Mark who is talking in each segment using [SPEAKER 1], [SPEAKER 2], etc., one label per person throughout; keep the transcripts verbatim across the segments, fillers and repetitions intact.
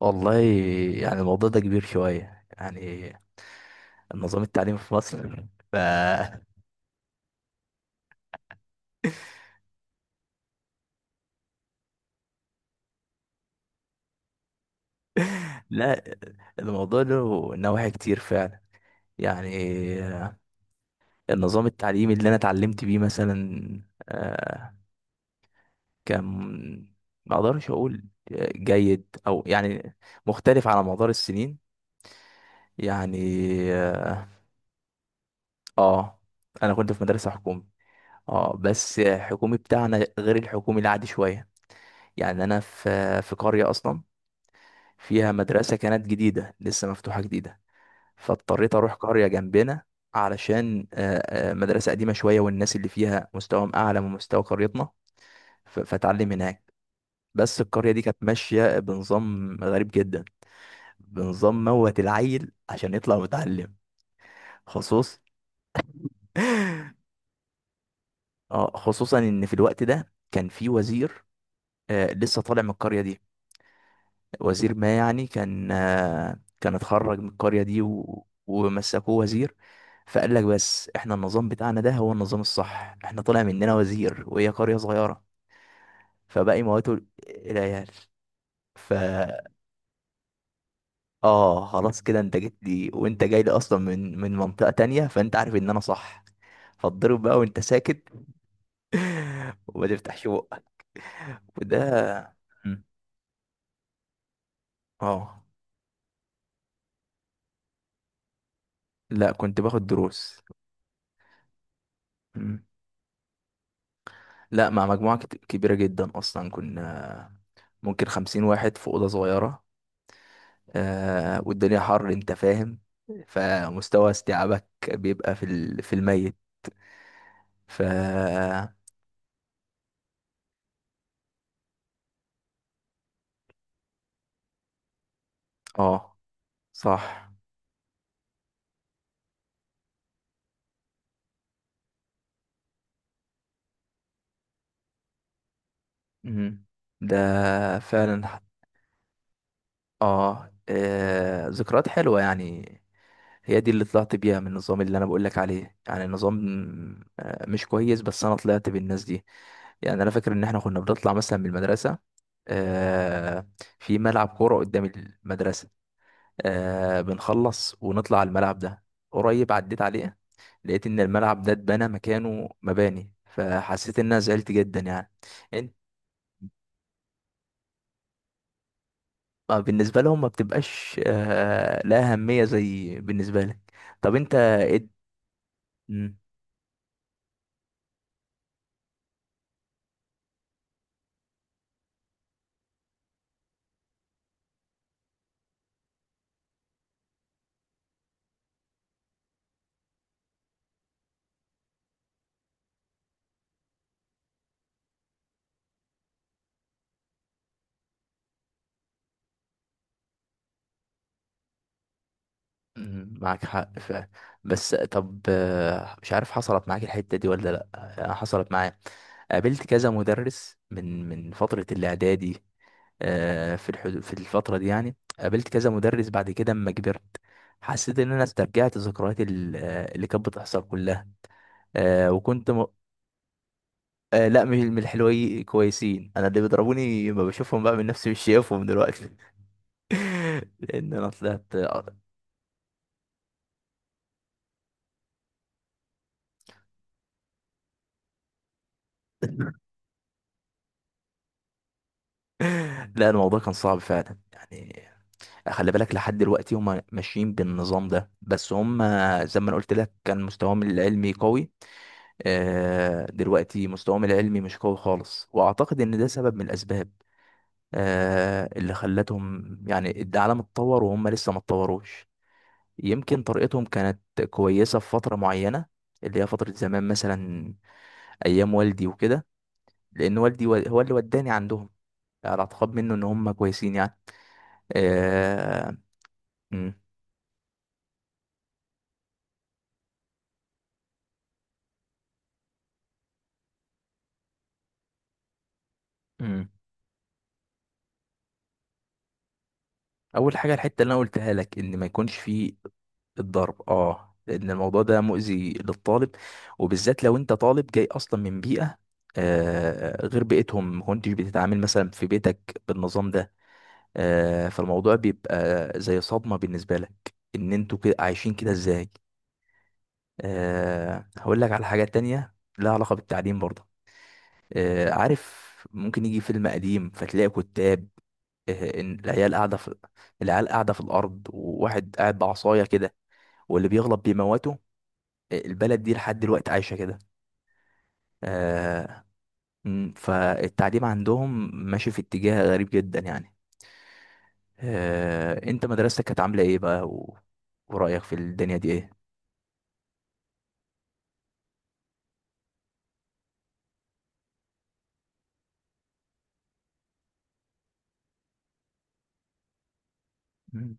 [SPEAKER 1] والله. يعني الموضوع ده كبير شوية، يعني النظام التعليمي في مصر ف لا، الموضوع له نواحي كتير فعلا. يعني النظام التعليمي اللي انا اتعلمت بيه مثلا، آه، كان ما اقدرش اقول جيد او يعني مختلف على مدار السنين، يعني اه. آه، انا كنت في مدرسة حكومي. اه، بس الحكومي بتاعنا غير الحكومي العادي شوية. يعني انا في في قرية اصلا فيها مدرسة كانت جديدة لسه مفتوحة جديدة، فاضطريت أروح قرية جنبنا علشان آه، آه، مدرسة قديمة شوية والناس اللي فيها مستواهم أعلى من مستوى قريتنا. ف- فأتعلم هناك. بس القرية دي كانت ماشية بنظام غريب جدا، بنظام موت العيل عشان يطلع متعلم. خصوص آه، خصوصا إن في الوقت ده كان في وزير، آه، لسه طالع من القرية دي. وزير ما يعني كان آه، كان اتخرج من القرية دي و... ومسكوه وزير. فقال لك بس احنا النظام بتاعنا ده هو النظام الصح، احنا طلع مننا وزير وهي قرية صغيرة. فباقي مواته العيال. ف اه، خلاص كده انت جيت لي وانت جاي لي اصلا من من منطقة تانية، فانت عارف ان انا صح. فاتضرب بقى وانت ساكت وما تفتحش بقك. وده مم. اه، لا، كنت باخد دروس. مم. لا، مع مجموعة كت- كبيرة جدا أصلا. كنا ممكن خمسين واحد في أوضة صغيرة. آه، والدنيا حر، أنت فاهم؟ فمستوى استيعابك بيبقى في ال- في الميت. ف اه، صح. مم. ده فعلا. اه، آه، ذكريات حلوة يعني، هي دي اللي طلعت بيها من النظام اللي انا بقولك عليه. يعني النظام آه، مش كويس، بس انا طلعت بالناس دي. يعني انا فاكر ان احنا كنا بنطلع مثلا من المدرسة، آه، في ملعب كورة قدام المدرسة. آه، بنخلص ونطلع على الملعب ده. قريب عديت عليه، لقيت ان الملعب ده اتبنى مكانه مباني، فحسيت ان انا زعلت جدا يعني. ما بالنسبة لهم ما بتبقاش آه، لا أهمية زي بالنسبة لك. طب أنت إد... مم، مم، معاك حق. ف... بس طب آه، مش عارف حصلت معاك الحتة دي ولا لأ. آه، حصلت معايا، قابلت كذا مدرس من من فترة الإعدادي. آه، في الحدود، في الفترة دي يعني قابلت كذا مدرس بعد كده أما كبرت. حسيت إن أنا استرجعت ذكريات ال- آه، اللي كانت بتحصل كلها. آه، وكنت م... آه، لا، مش من الحلوين كويسين. انا اللي بيضربوني ما بشوفهم بقى من نفسي، مش شايفهم دلوقتي لان انا طلعت. لا، الموضوع كان صعب فعلا يعني. خلي بالك لحد دلوقتي هم ماشيين بالنظام ده، بس هم زي ما انا قلت لك كان مستواهم العلمي قوي. آه، دلوقتي مستواهم العلمي مش قوي خالص، واعتقد ان ده سبب من الاسباب آه، اللي خلتهم، يعني العالم اتطور وهم لسه ما اتطوروش. يمكن طريقتهم كانت كويسة في فترة معينة، اللي هي فترة زمان مثلا، أيام والدي وكده. لأن والدي و- هو اللي وداني عندهم على اعتقاد منه إن هم كويسين يعني. آه... مم. مم. أول حاجة، الحتة اللي أنا قلتها لك إن ما يكونش فيه الضرب. اه، لأن الموضوع ده مؤذي للطالب، وبالذات لو أنت طالب جاي أصلا من بيئة آه غير بيئتهم، ما كنتش بتتعامل مثلا في بيتك بالنظام ده. آه، فالموضوع بيبقى زي صدمة بالنسبة لك ان انتوا كده عايشين كده ازاي. أه، هقول لك على حاجة تانية لها علاقة بالتعليم برضه. أه، عارف ممكن يجي فيلم قديم فتلاقي كتاب، أه إن العيال قاعدة في العيال قاعدة في الأرض وواحد قاعد بعصاية كده، واللي بيغلط بيموته. آه، البلد دي لحد دلوقتي عايشة كده. أه، م، فالتعليم عندهم ماشي في اتجاه غريب جدا يعني. أه، انت مدرستك كانت عاملة ايه بقى و... ورأيك في الدنيا دي ايه؟ مم.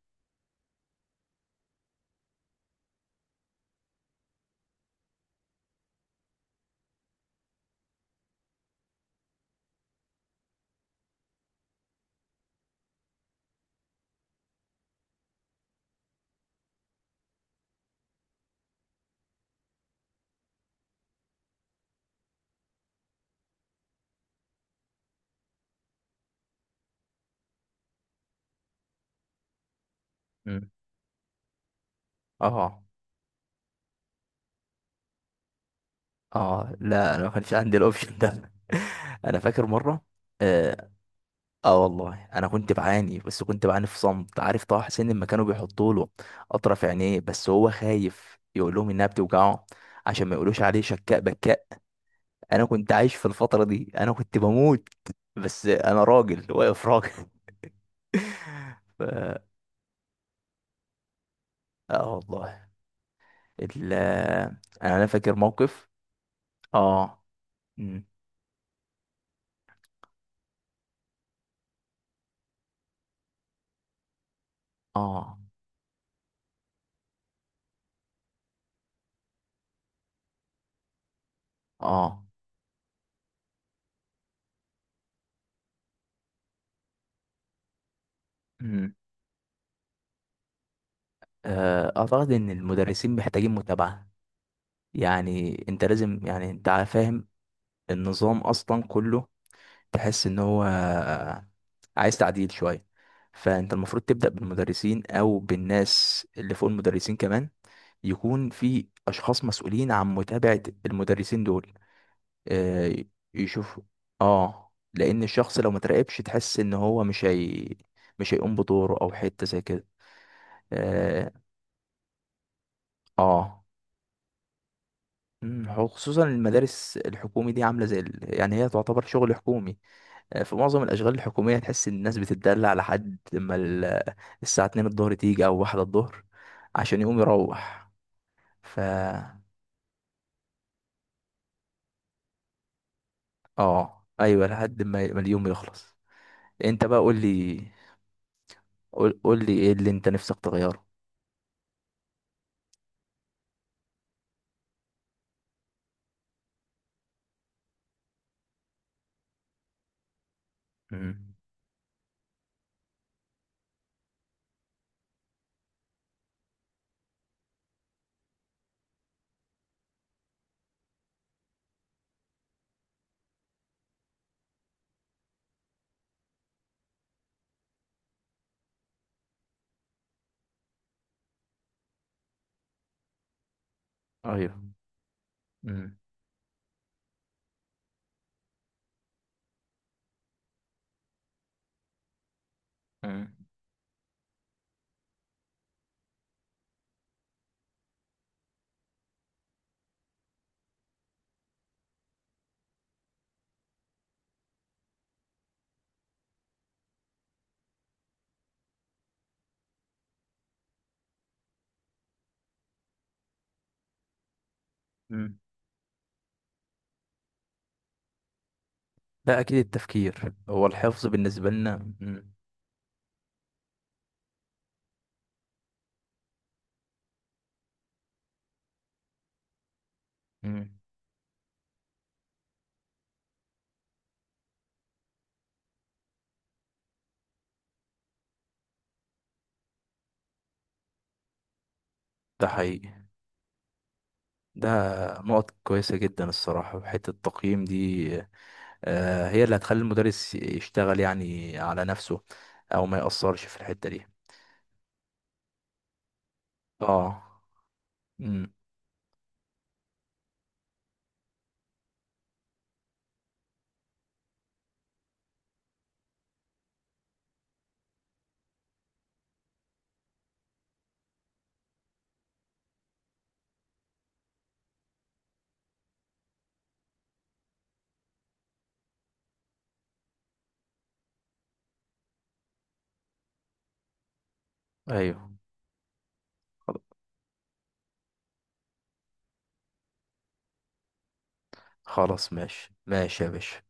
[SPEAKER 1] مم. اه. اه، لا، انا ما كانش عندي الاوبشن ده انا فاكر مره. اه، آه، والله انا كنت بعاني، بس كنت بعاني في صمت. عارف طه حسين لما كانوا بيحطوا له اطرف عينيه، بس هو خايف يقول لهم انها بتوجعه عشان ما يقولوش عليه شكاء بكاء. انا كنت عايش في الفتره دي، انا كنت بموت، بس انا راجل واقف راجل ف... اه، والله ال... انا أنا فاكر موقف. اه. مم. اه. اه. مم. آه، اعتقد ان المدرسين محتاجين متابعة. يعني انت لازم، يعني انت فاهم النظام اصلا كله، تحس ان هو عايز تعديل شوية. فانت المفروض تبدأ بالمدرسين او بالناس اللي فوق المدرسين كمان. يكون في اشخاص مسؤولين عن متابعة المدرسين دول آه، يشوفوا. اه، لان الشخص لو ما تراقبش تحس ان هو مش هي مش هيقوم بدوره او حتة زي كده. اه. آه. مم، هو خصوصا المدارس الحكومي دي عامله زي ال... يعني هي تعتبر شغل حكومي. آه، في معظم الاشغال الحكوميه تحس ان الناس بتتدلع لحد لما ال... الساعه اتنين الظهر تيجي او واحدة الظهر عشان يقوم يروح. ف اه، ايوه، لحد ما ما اليوم يخلص. انت بقى قول لي، قول قول لي ايه اللي انت نفسك تغيره. مم. ايوه. مم. مم. مم. لا، اكيد التفكير هو الحفظ بالنسبه لنا. مم. مم. ده حقيقي. ده نقط كويسة جدا الصراحة. في حتة التقييم دي، آه، هي اللي هتخلي المدرس يشتغل يعني على نفسه، أو ما يأثرش في الحتة دي. اه. امم. ايوه. خلاص، ماشي ماشي يا باشا.